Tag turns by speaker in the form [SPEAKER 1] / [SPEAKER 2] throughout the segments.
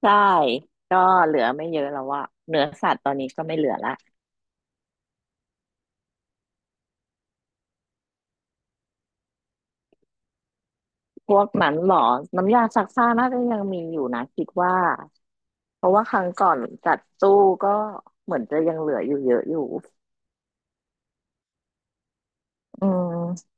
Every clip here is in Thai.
[SPEAKER 1] ใช่ก็เหลือไม่เยอะแล้วอะเนื้อสัตว์ตอนนี้ก็ไม่เหลือละพวกหมันหมอน้ำยาซักผ้าน่าจะยังมีอยู่นะคิดว่าเพราะว่าครั้งก่อนจัดตู้ก็เหมือนจะยังเหลืออยู่เยอะอยู่อืม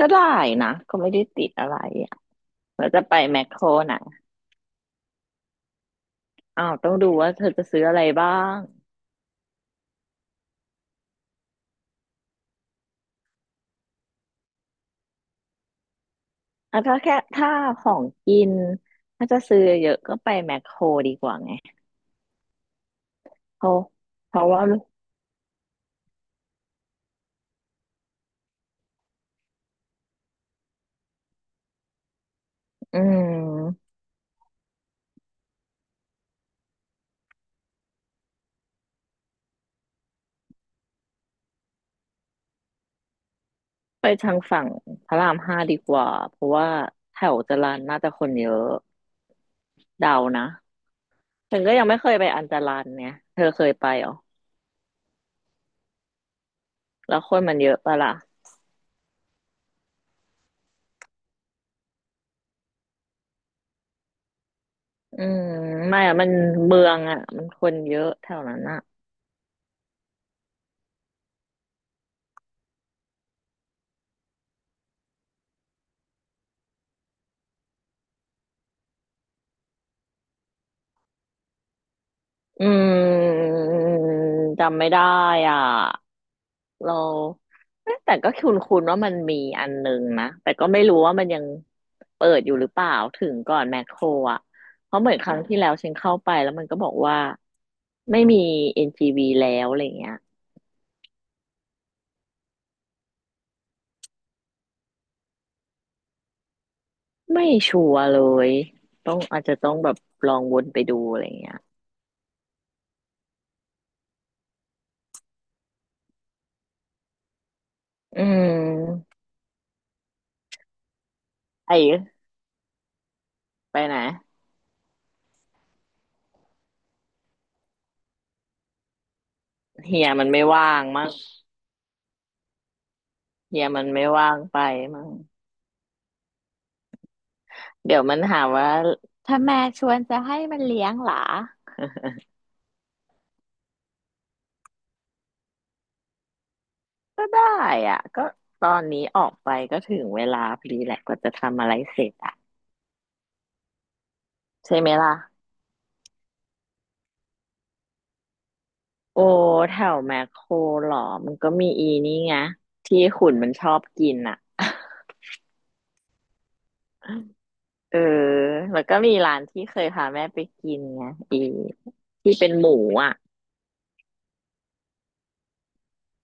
[SPEAKER 1] ก็ได้นะก็ไม่ได้ติดอะไรอะเราจะไปแมคโครนะอ้าวต้องดูว่าเธอจะซื้ออะไรบ้างอ่ะถ้าแค่ถ้าของกินถ้าจะซื้อเยอะก็ไปแมคโครดีกว่าไงเพราะเพราะว่าอืม ไปทางฝั่งพระรามห้าดีกว่า เพราะว่าแถวจรัญน่าจะคนเยอะเดานะฉันก็ยังไม่เคยไปอันจรัญเนี่ยเธอเคยไปเหรอแล้วคนมันเยอะปะล่ะอืมไม่อะมันเมืองอะมันคนเยอะแถวนั้นอะอืมจำไม่ได้อ่ะเราเอ๊ะแต่ก็คุ้นคุว่ามันมีอันหนึ่งนะแต่ก็ไม่รู้ว่ามันยังเปิดอยู่หรือเปล่าถึงก่อนแมคโครอ่ะเพราะเหมือนครั้งที่แล้วฉันเข้าไปแล้วมันก็บอกว่า ไม่มี NGV แล้วอะไรเงี้ยไม่ชัวร์เลยต้องอาจจะต้องแบบลองวนไปดูอะไรเงี้ยอืมไอ้ไปไหนเฮียมันไม่ว่างมั้งเฮียมันไม่ว่างไปมั้งเดี๋ยวมันหาว่าถ้าแม่ชวนจะให้มันเลี้ยงหรอก็ได้อ่ะก็ตอนนี้ออกไปก็ถึงเวลาพอดีแหละกว่าจะทำอะไรเสร็จอ่ะใช่ไหมล่ะโอ้แถวแมคโครหรอมันก็มีอีนี่ไงที่ขุนมันชอบกินอ่ะ เออแล้วก็มีร้านที่เคยพาแม่ไปกินไงอีที่เป็นหมูอ่ะ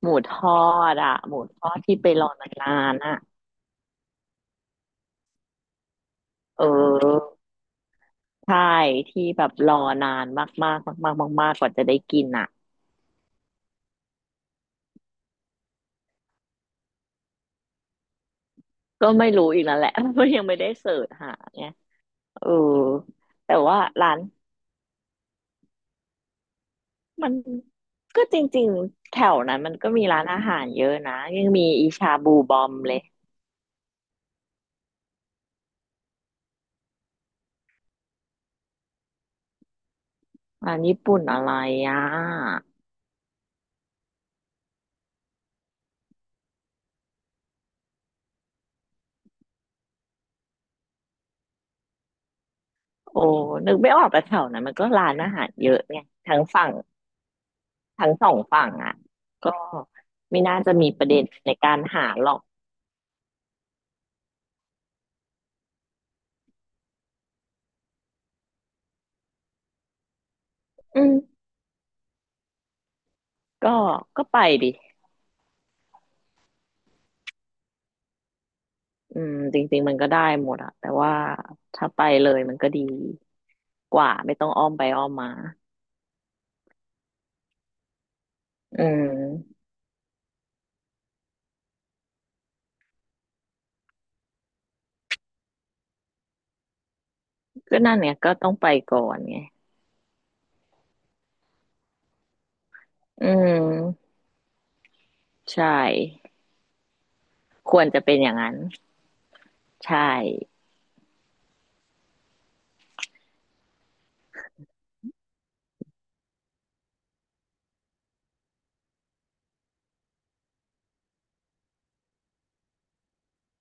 [SPEAKER 1] หมูทอดอ่ะหมูทอดที่ไปรอนานๆอ่ะเออใช่ที่แบบรอนานมากๆมากๆมากๆมากกว่าจะได้กินอ่ะก็ไม่รู้อีกนั่นแหละ เพราะยังไม่ได้เสิร์ชหาไงเออแต่ว่าร้านมันก็จริงๆแถวนั้นมันก็มีร้านอาหารเยอะนะยังมีอีชาบูบอมเลยร้านญี่ปุ่นอะไรอ่ะ โอ้นึกไม่ออกแต่แถวนั้นมันก็ร้านอาหารเยอะไงทั้งฝั่งทั้งสองฝั่งอ่ะก็ไม่น่าจะมีประเด็นในการหาหรอกอืมก็ก็ไปดิอืมจริงๆมันก็ได้หมดอะแต่ว่าถ้าไปเลยมันก็ดีกว่าไม่ต้องอ้อมไปอ้อมมาอืมก็นั่นเนี่ยก็ต้องไปก่อนไงอืมใช่ควรจะเป็นอย่างนั้นใช่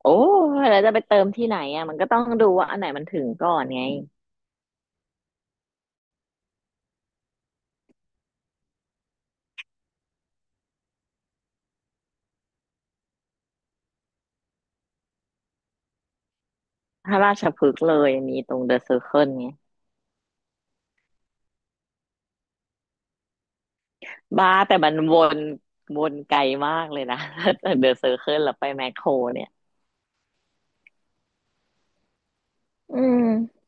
[SPEAKER 1] โอ้แล้วจะไปเติมที่ไหนอ่ะมันก็ต้องดูว่าอันไหนมันถึงก่อนไง ถ้าราชพฤกษ์เลยมีตรงเดอะเซอร์เคิลไงบ้าแต่มันวนวนไกลมากเลยนะ ถ้าจากเดอะเซอร์เคิลแล้วไปแมคโครเนี่ยอืม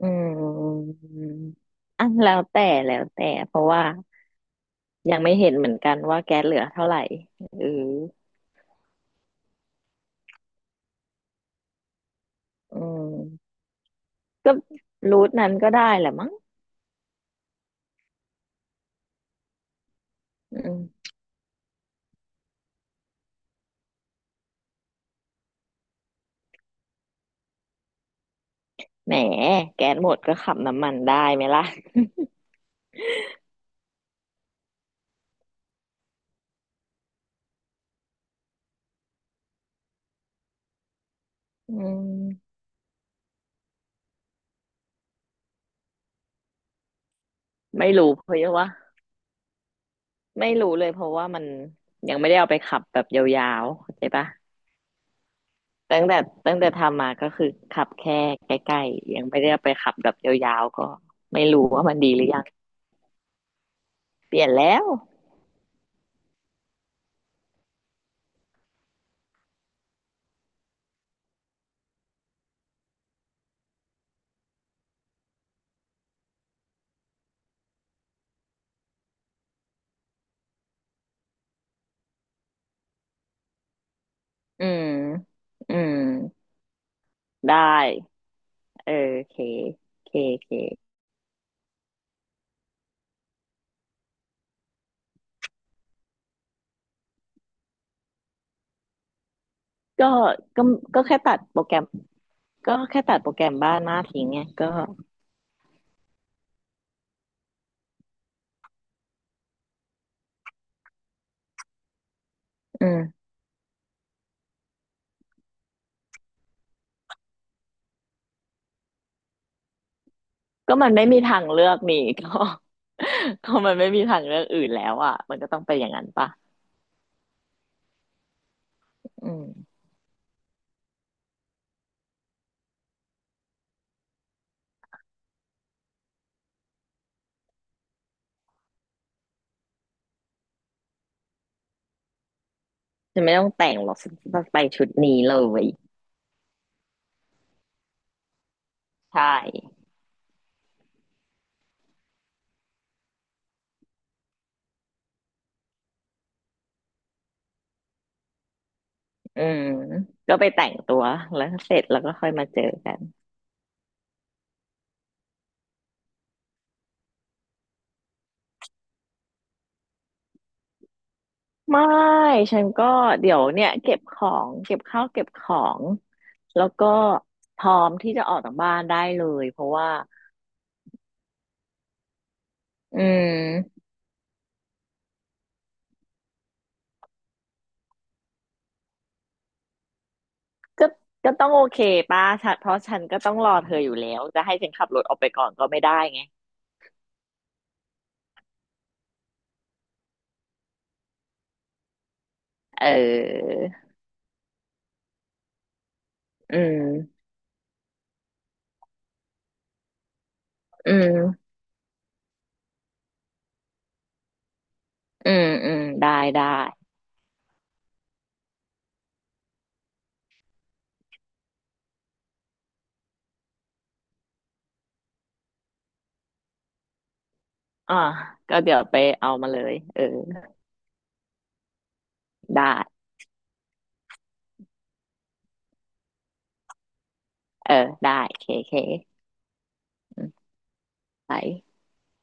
[SPEAKER 1] อืมอันแล้วแต่แล้วแต่เพราะว่ายังไม่เห็นเหมือนกันว่าแก๊สเหลือเท่าไหร่เอออืมก็รูทนั้นก็ได้แหละมั้งอืมแหมแก๊สหมดก็ขับน้ำมันได้ไหมล่ะอืมไม่รู้เพราะว่าไม่รู้เลยเพราะว่ามันยังไม่ได้เอาไปขับแบบยาวๆเข้าใจปะ ตั้งแต่ตั้งแต่ทำมาก็คือขับแค่ใกล้ๆยังไม่ได้ไปขับแบบยาวๆก็ไม่รู้ว่ามันดีหรือยังเปลี่ยนแล้วอืมอืมได้เออโอเคโอเคโอเคก็ก็ก็แค่ตัดโปรแกรมก็แค่ตัดโปรแกรมบ้านมาทิ้งไงก็อืมก็มันไม่มีทางเลือกนี่ก็ ก็มันไม่มีทางเลือกอื่นแล้วอ่ะมันก็ต้องเป็นอย่างนั้นปะอืมฉันไม่ต้องแต่งหรอกฉันจะไปชุดนี้เลยใช่ อืมก็ไปแต่งตัวแล้วเสร็จแล้วก็ค่อยมาเจอกันไม่ฉันก็เดี๋ยวเนี่ยเก็บของเก็บข้าวเก็บของแล้วก็พร้อมที่จะออกจากบ้านได้เลยเพราะว่าอืมก็ก็ต้องโอเคป้าฉันเพราะฉันก็ต้องรอเธออยู่แล้วจะให้ฉันขับรถออกไปก่อนก็ไม่ได้ไงเอออืมอืมอืมอืมได้ได้อ่าก็เดี๋ยวไปเอามาเลยเออได้เออได้เคเคอืมไป